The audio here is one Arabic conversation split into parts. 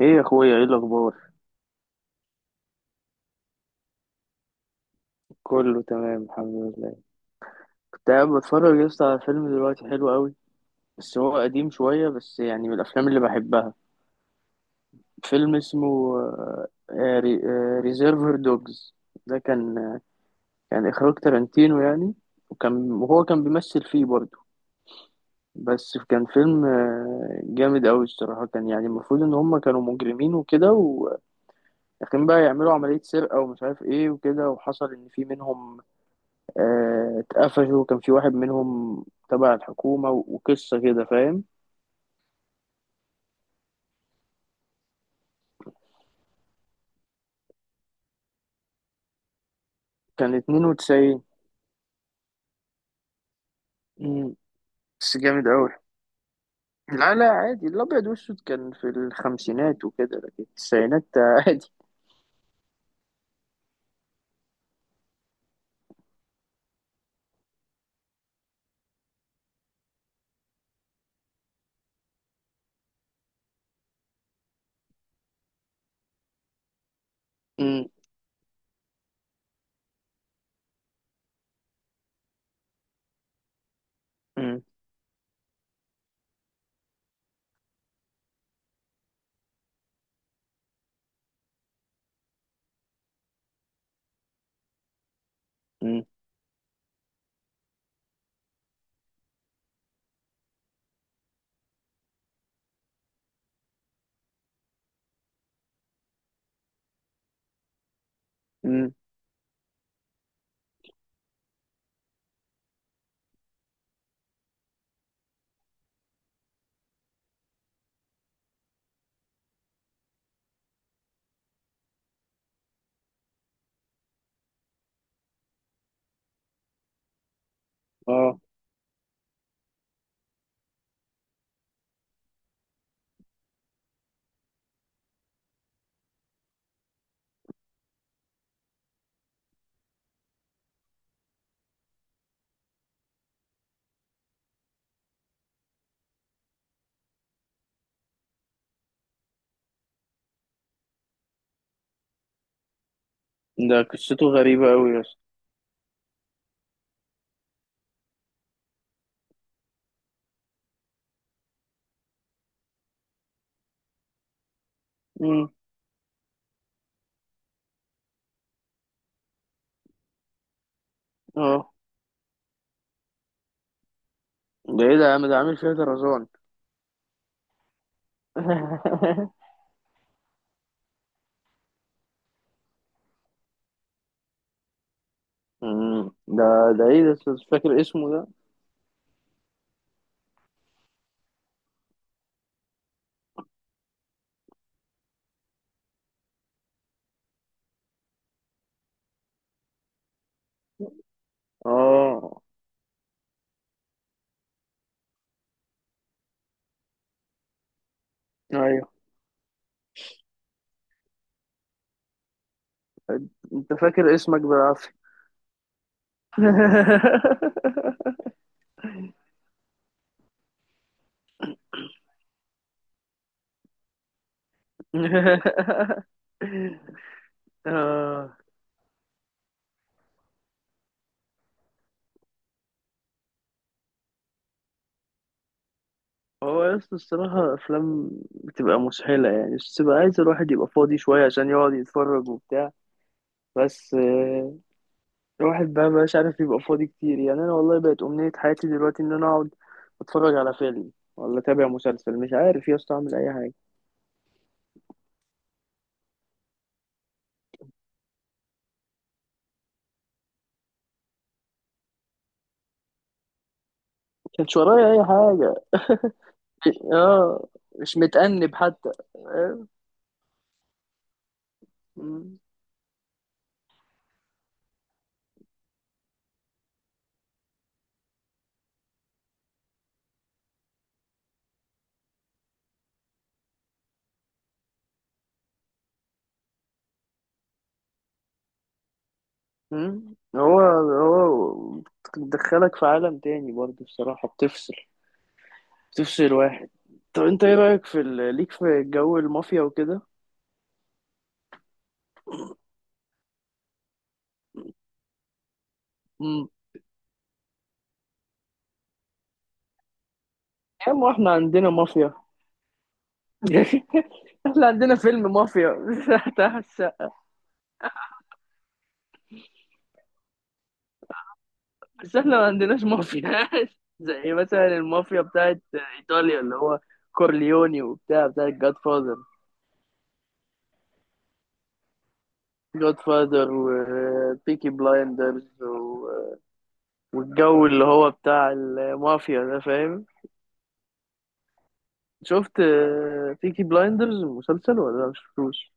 ايه يا اخويا، ايه الاخبار؟ كله تمام، الحمد لله. كنت قاعد بتفرج يا اسطى على فيلم دلوقتي حلو قوي، بس هو قديم شويه، بس يعني من الافلام اللي بحبها. فيلم اسمه ريزيرفر دوجز. ده كان اخراج تارانتينو يعني. وكان وهو كان بيمثل فيه برضه. بس كان فيلم جامد قوي الصراحه. كان يعني المفروض ان هم كانوا مجرمين وكده، ولكن بقى يعملوا عمليه سرقه ومش عارف ايه وكده. وحصل ان في منهم اتقفشوا. كان في واحد منهم تبع الحكومة وقصة كده فاهم. كان 92. مم، بس جامد أوي. لا لا عادي، الأبيض والأسود كان في الخمسينات وكده لكن التسعينات عادي. مم، مم، مم، مم. اه. ده قصته غريبة أوي يا اسطى. مم، اه. ده ايه ده يا عم؟ ده عامل فيها طرزان. مم. ده ده ايه ده؟ مش فاكر اسمه ده. اه. ايوه، انت فاكر اسمك بالعافية. آه. هو يس الصراحة أفلام بتبقى مسحلة يعني، بس بتبقى عايز الواحد يبقى فاضي شوية عشان يقعد يتفرج وبتاع. بس الواحد بقى مبقاش عارف يبقى فاضي كتير يعني. أنا والله بقت أمنية حياتي دلوقتي إن أنا أقعد أتفرج على فيلم، ولا أتابع مسلسل، مش عارف يا اسطى أعمل أي حاجة. مكانش ورايا أي حاجة. آه. مش متأنب حتى. آه. مم. مم. هو بتدخلك في عالم تاني برضه الصراحة، بتفصل واحد. طب انت ايه رأيك في ليك في جو المافيا وكده؟ امم. يا عم احنا عندنا مافيا. احنا عندنا فيلم مافيا. مش هتحسق. بس احنا ما عندناش مافيا. زي مثلا المافيا بتاعت ايطاليا، اللي هو كورليوني، وبتاع بتاعت جاد فاذر. جاد فاذر وبيكي بلايندرز. والجو اللي هو بتاع المافيا ده فاهم. شفت بيكي بلايندرز المسلسل ولا مش شفتوش؟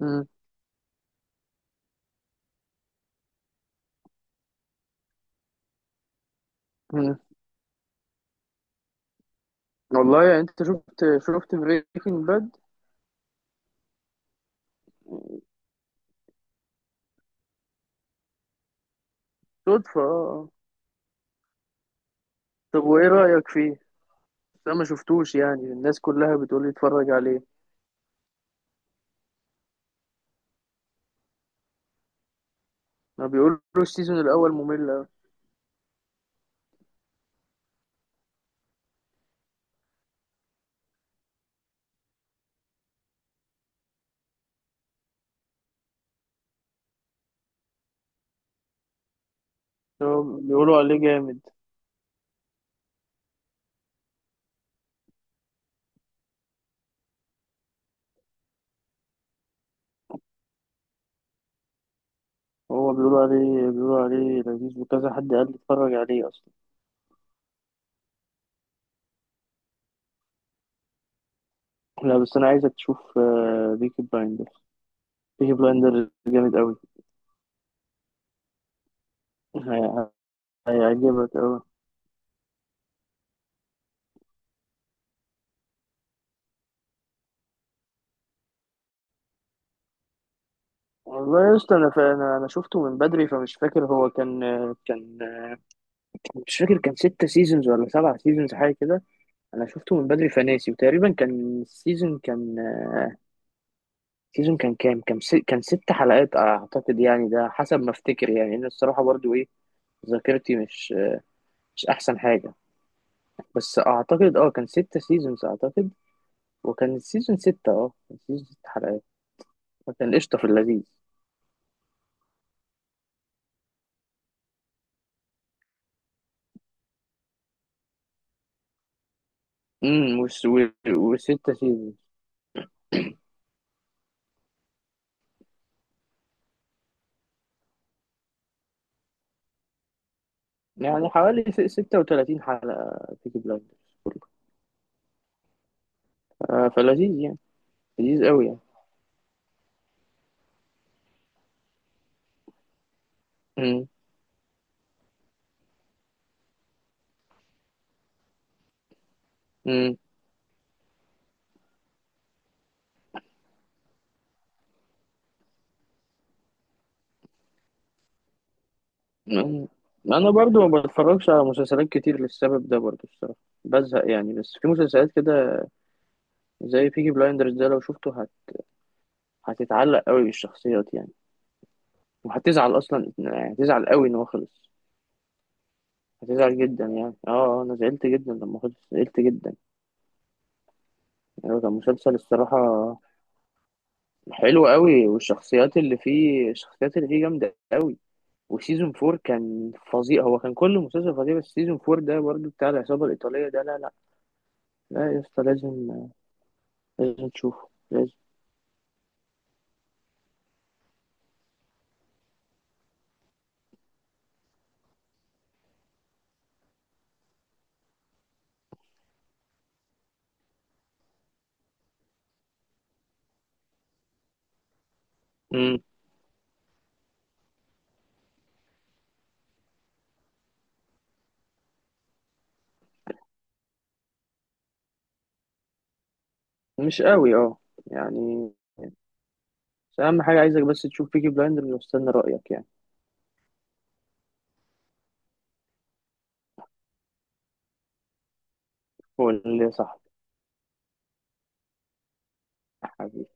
امم. والله يعني انت شفت بريكنج باد؟ صدفة. آه. طب وايه رأيك فيه؟ بس انا ما شفتوش يعني، الناس كلها بتقول لي اتفرج عليه. ما بيقولوا السيزون الاول ممل أوي. هو بيقولوا عليه جامد. هو بيقولوا عليه لذيذ وكذا. حد قال لي اتفرج عليه اصلا. لا، بس انا عايزك تشوف بيكي بلايندر. بيكي بلايندر جامد قوي. هي- هيعجبك قوي. والله يا اسطى، انا أنا شفته من بدري، فمش فاكر هو كان، كان مش فاكر، كان 6 سيزونز ولا 7 سيزونز حاجة كده. أنا شفته من بدري فناسي، وتقريبا كان السيزون كان سيزون كان كام، كان 6 حلقات أعتقد، يعني ده حسب ما أفتكر يعني، إن الصراحة برضو إيه، ذاكرتي مش أحسن حاجة. بس أعتقد أه كان 6 سيزونز أعتقد. وكان السيزون ستة، كان سيزون 6 حلقات. فكان قشطة في اللذيذ. امم. وستة سيزونز، يعني حوالي 36 حلقة بيكي بلايندرز. فلذيذ يعني، لذيذ قوي يعني. امم. أمم. انا برضو ما بتفرجش على مسلسلات كتير للسبب ده برضو الصراحه. بزهق يعني، بس في مسلسلات كده زي بيكي بلايندرز ده، لو شفته هتتعلق قوي بالشخصيات يعني. وهتزعل اصلا، يعني هتزعل قوي ان هو خلص. هتزعل جدا يعني. اه. انا زعلت جدا لما خلص، زعلت جدا. يعني هو كان مسلسل الصراحه حلو قوي. والشخصيات اللي فيه الشخصيات اللي فيه جامده قوي. وسيزون 4 كان فظيع، هو كان كل مسلسل فظيع، بس سيزون 4 ده برضو بتاع العصابه الايطاليه ده. لا لا لا يا اسطى، لازم لازم تشوفه لازم. امم. مش قوي اه يعني، بس اهم حاجه عايزك بس تشوف بيكي بلايندرز واستنى رايك يعني. هو اللي صح. حبيبي.